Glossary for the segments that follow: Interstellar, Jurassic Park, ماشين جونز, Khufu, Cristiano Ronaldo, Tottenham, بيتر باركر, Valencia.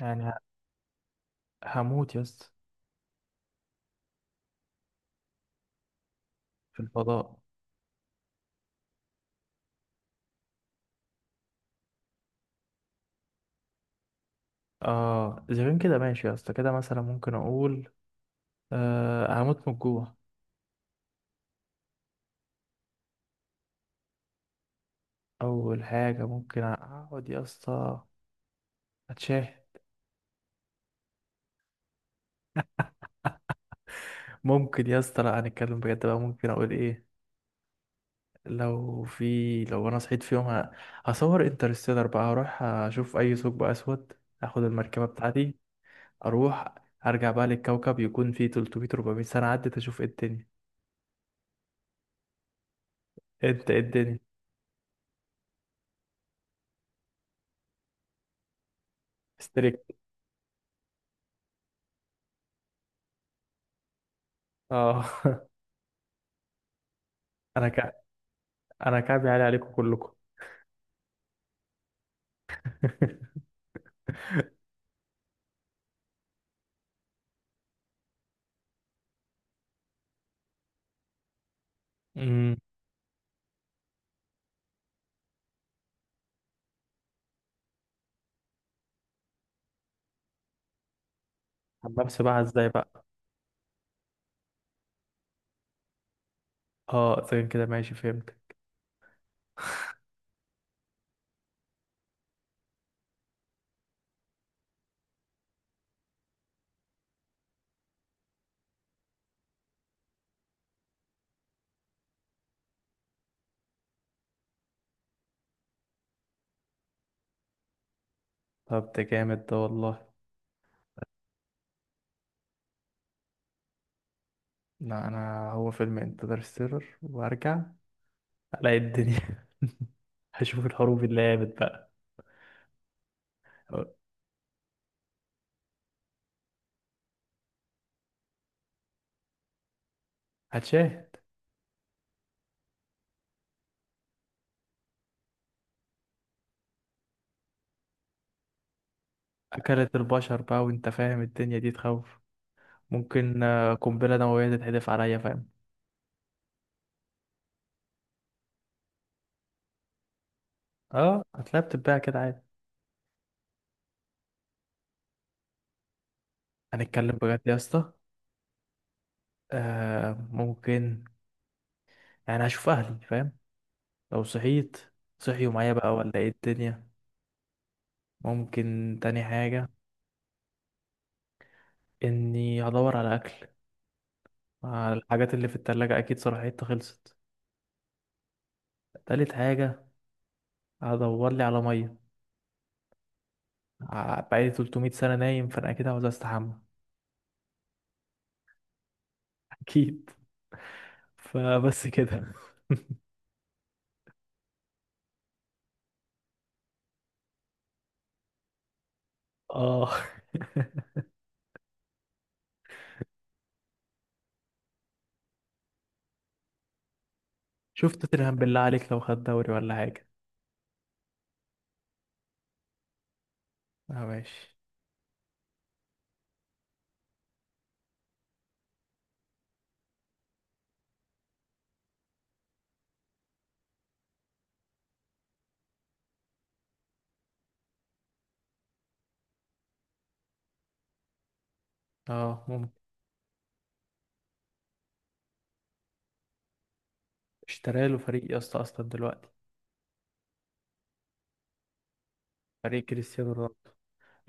يعني هموت يا اسطى. في الفضاء. اه، اذا كان كده ماشي يا اسطى كده مثلا ممكن اقول، هموت من الجوع. اول حاجه ممكن اقعد يا اسطى، اتشاه. ممكن يا اسطى، لا هنتكلم بجد بقى، ممكن اقول ايه؟ لو انا صحيت في يوم، هصور انترستيلر بقى، هروح اشوف اي ثقب اسود، اخد المركبه بتاعتي، اروح ارجع بقى للكوكب يكون فيه 300 400 سنه عدت، اشوف ايه الدنيا. انت ايه الدنيا؟ استريك. اه. انا ك... انا كعبي عالي عليكم كلكم. امم. حمام سباحة ازاي بقى؟ اه زين كده، ماشي، فهمت. طب ده جامد ده والله. لا، انا هو فيلم انترستيلر وارجع الاقي الدنيا. هشوف الحروب اللي قامت بقى. هتشاهد. اكلت البشر بقى وانت فاهم الدنيا دي تخوف. ممكن قنبلة نووية تتحدف عليا، فاهم. اه، هتلاقيها بتتباع كده عادي. هنتكلم بجد يا اسطى. ممكن، يعني هشوف اهلي، فاهم. لو صحيت، صحيوا معايا بقى ولا ايه الدنيا؟ ممكن تاني حاجة، اني هدور على اكل، على الحاجات اللي في التلاجة، اكيد صراحتها خلصت. تالت حاجة هدور لي على مية. بقالي 300 سنة نايم، فانا اكيد عاوز استحمى. اكيد. فبس كده. اه، شفت توتنهام بالله عليك لو خد دوري ولا حاجة؟ اه ماشي. اه، ممكن. اشترى له فريق يا اسطى اصلا دلوقتي؟ فريق كريستيانو رونالدو.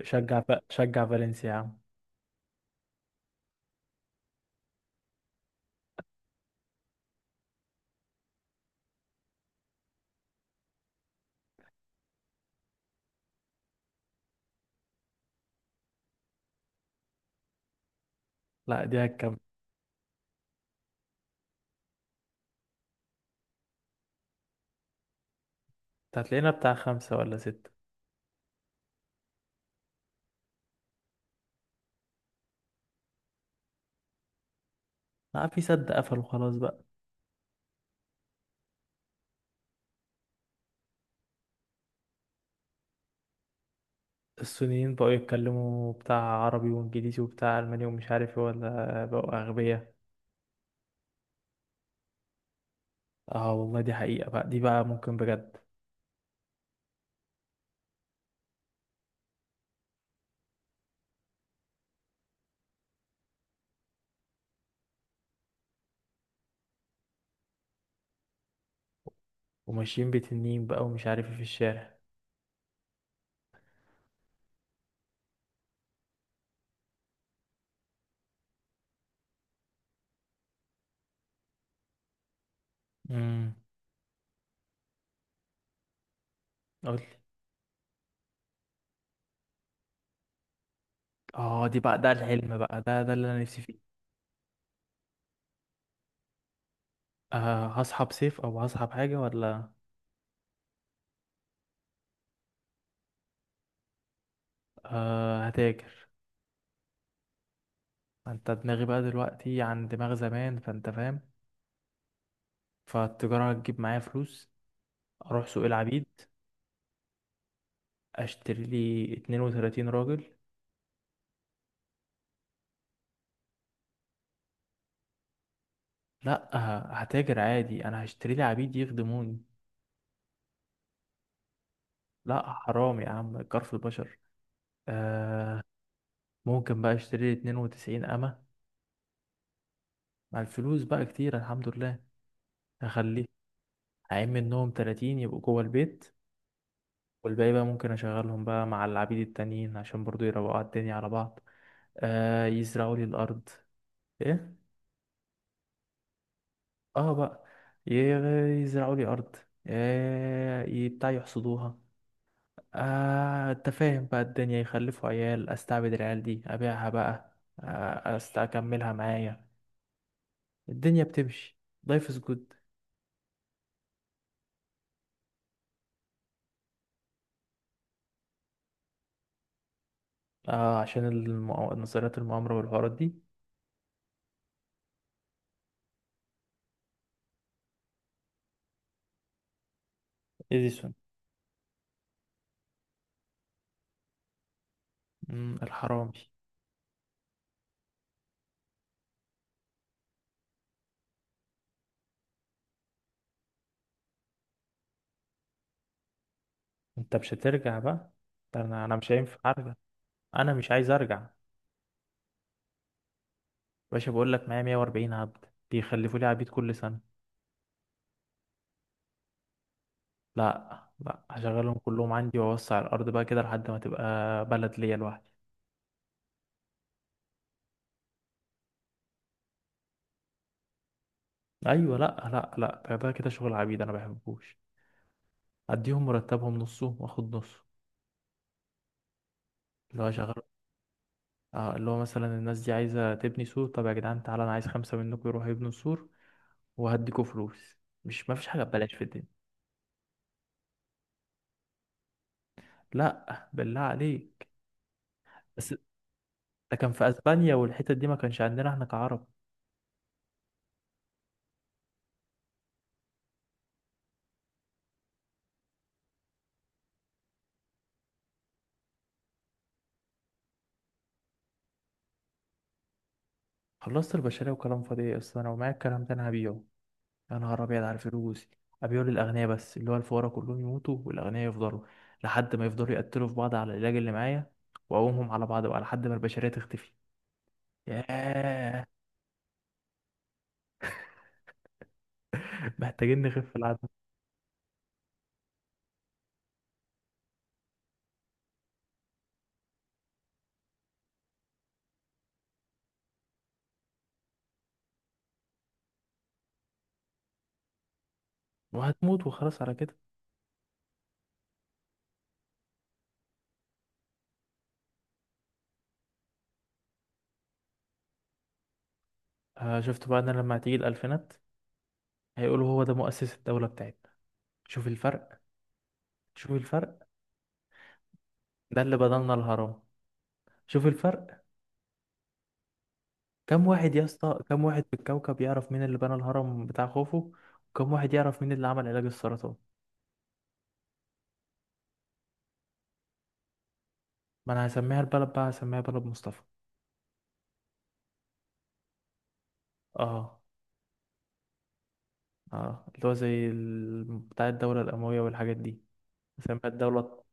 شجع فالنسيا يا عم. لا، دي هتكمل. هتلاقينا بتاع خمسة ولا ستة. لا، في سد قفلوا خلاص بقى. الصينيين بقوا يتكلموا بتاع عربي وانجليزي وبتاع الماني ومش عارف ايه، ولا بقوا اغبياء. اه والله، دي حقيقة بقى، دي بقى ممكن بجد. وماشيين بتنين بقى ومش عارف ايه في الشارع. امم. قولي. اه، دي بقى ده الحلم بقى، ده اللي انا نفسي فيه. هصحى بسيف او هصحى بحاجة ولا؟ هتاجر. انت، دماغي بقى دلوقتي عن دماغ زمان، فانت فاهم. فالتجارة هتجيب معايا فلوس. اروح سوق العبيد. اشتري لي 32 راجل. لا، هتاجر عادي، انا هشتري لي عبيد يخدموني. لا حرام يا عم، كرف البشر. آه ممكن بقى اشتري لي 92 امة. مع الفلوس بقى كتير، الحمد لله. هخليه هعين منهم 30 يبقوا جوه البيت. والباقي بقى ممكن اشغلهم بقى مع العبيد التانيين عشان برضو يروقوا على الدنيا على بعض. يزرعوا لي الارض. ايه؟ اه بقى، يزرعوا لي ارض. بتاع يحصدوها. انت فاهم بقى الدنيا، يخلفوا عيال، استعبد العيال دي، ابيعها بقى، اكملها معايا. الدنيا بتمشي لايف از جود. عشان نظريات المؤامرة والحوارات دي. اديسون. مم، الحرامي. انت مش هترجع بقى؟ ده انا مش هينفع ارجع. انا مش عايز ارجع. باشا، بقول لك معايا 140 عبد بيخلفوا لي عبيد كل سنة. لا لا، هشغلهم كلهم عندي واوسع الارض بقى كده لحد ما تبقى بلد ليا لوحدي. ايوه، لا لا لا، ده كده شغل عبيد انا ما بحبوش. اديهم مرتبهم نصه واخد نصه. اللي هو شغال. اه، اللي هو مثلا الناس دي عايزه تبني سور، طب يا جدعان تعالى انا عايز خمسه منكم يروحوا يبنوا سور وهديكوا فلوس. مش، ما فيش حاجه ببلاش في الدنيا. لا بالله عليك. بس ده كان في اسبانيا والحتت دي، ما كانش عندنا احنا كعرب. خلصت البشريه وكلام فاضي إيه؟ اصلا انا ومعايا الكلام ده انا هبيعه. يا نهار ابيض على الفلوس! ابيعه للاغنياء بس، اللي هو الفقراء كلهم يموتوا والاغنياء يفضلوا لحد ما يفضلوا يقتلوا في بعض على العلاج اللي معايا. واقومهم على بعض بقى لحد ما البشريه تختفي. ياه. محتاجين نخف في العدد. وهتموت وخلاص على كده. شفت بقى ان لما هتيجي الألفينات، هيقولوا هو ده مؤسس الدولة بتاعتنا. شوف الفرق. شوف الفرق. ده اللي بنى لنا الهرم. شوف الفرق. كم واحد يا اسطى؟ كم واحد في الكوكب يعرف مين اللي بنى الهرم بتاع خوفو؟ وكم واحد يعرف مين اللي عمل علاج السرطان؟ ما انا هسميها البلد بقى، هسميها بلد مصطفى. اه. اه، اللي هو زي بتاع الدولة الأموية والحاجات دي. هسميها الدولة.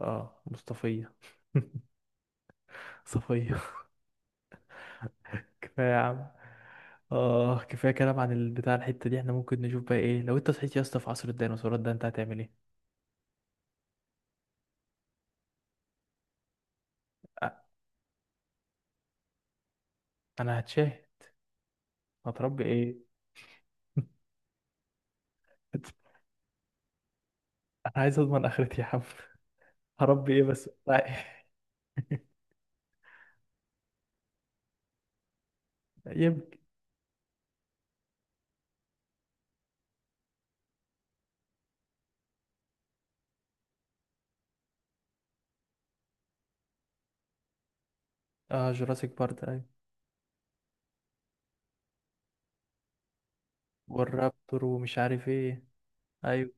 اه، مصطفية. صفية. كفاية يا عم. اه، كفاية كلام عن البتاع الحتة دي. احنا ممكن نشوف بقى ايه لو انت صحيت يا اسطى في عصر الديناصورات ده؟ انت هتعمل ايه؟ أ- انا هتشاه. هتربي ايه؟ انا عايز اضمن اخرتي يا عم. هربي ايه بس؟ لا. يبكي. اه جوراسيك بارك، ايوه. والرابتور ومش عارف ايه. ايوه،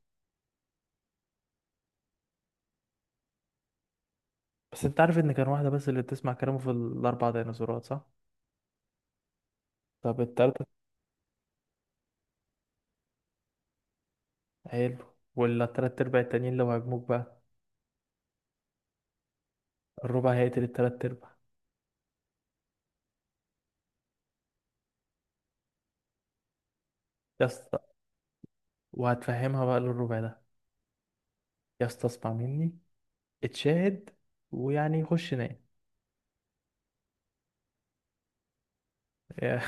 بس انت عارف ان كان واحدة بس اللي بتسمع كلامه في الاربع ديناصورات، صح؟ طب التالتة. حلو. ولا التلات ارباع التانيين لو هيجموك بقى؟ الربع هيقتل التلات ارباع. يا اسطى. وهتفهمها بقى للربع ده؟ يستصفى مني. اتشاهد. ويعني خش نام. يا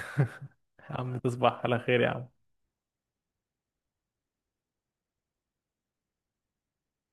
عم تصبح على خير يا عم.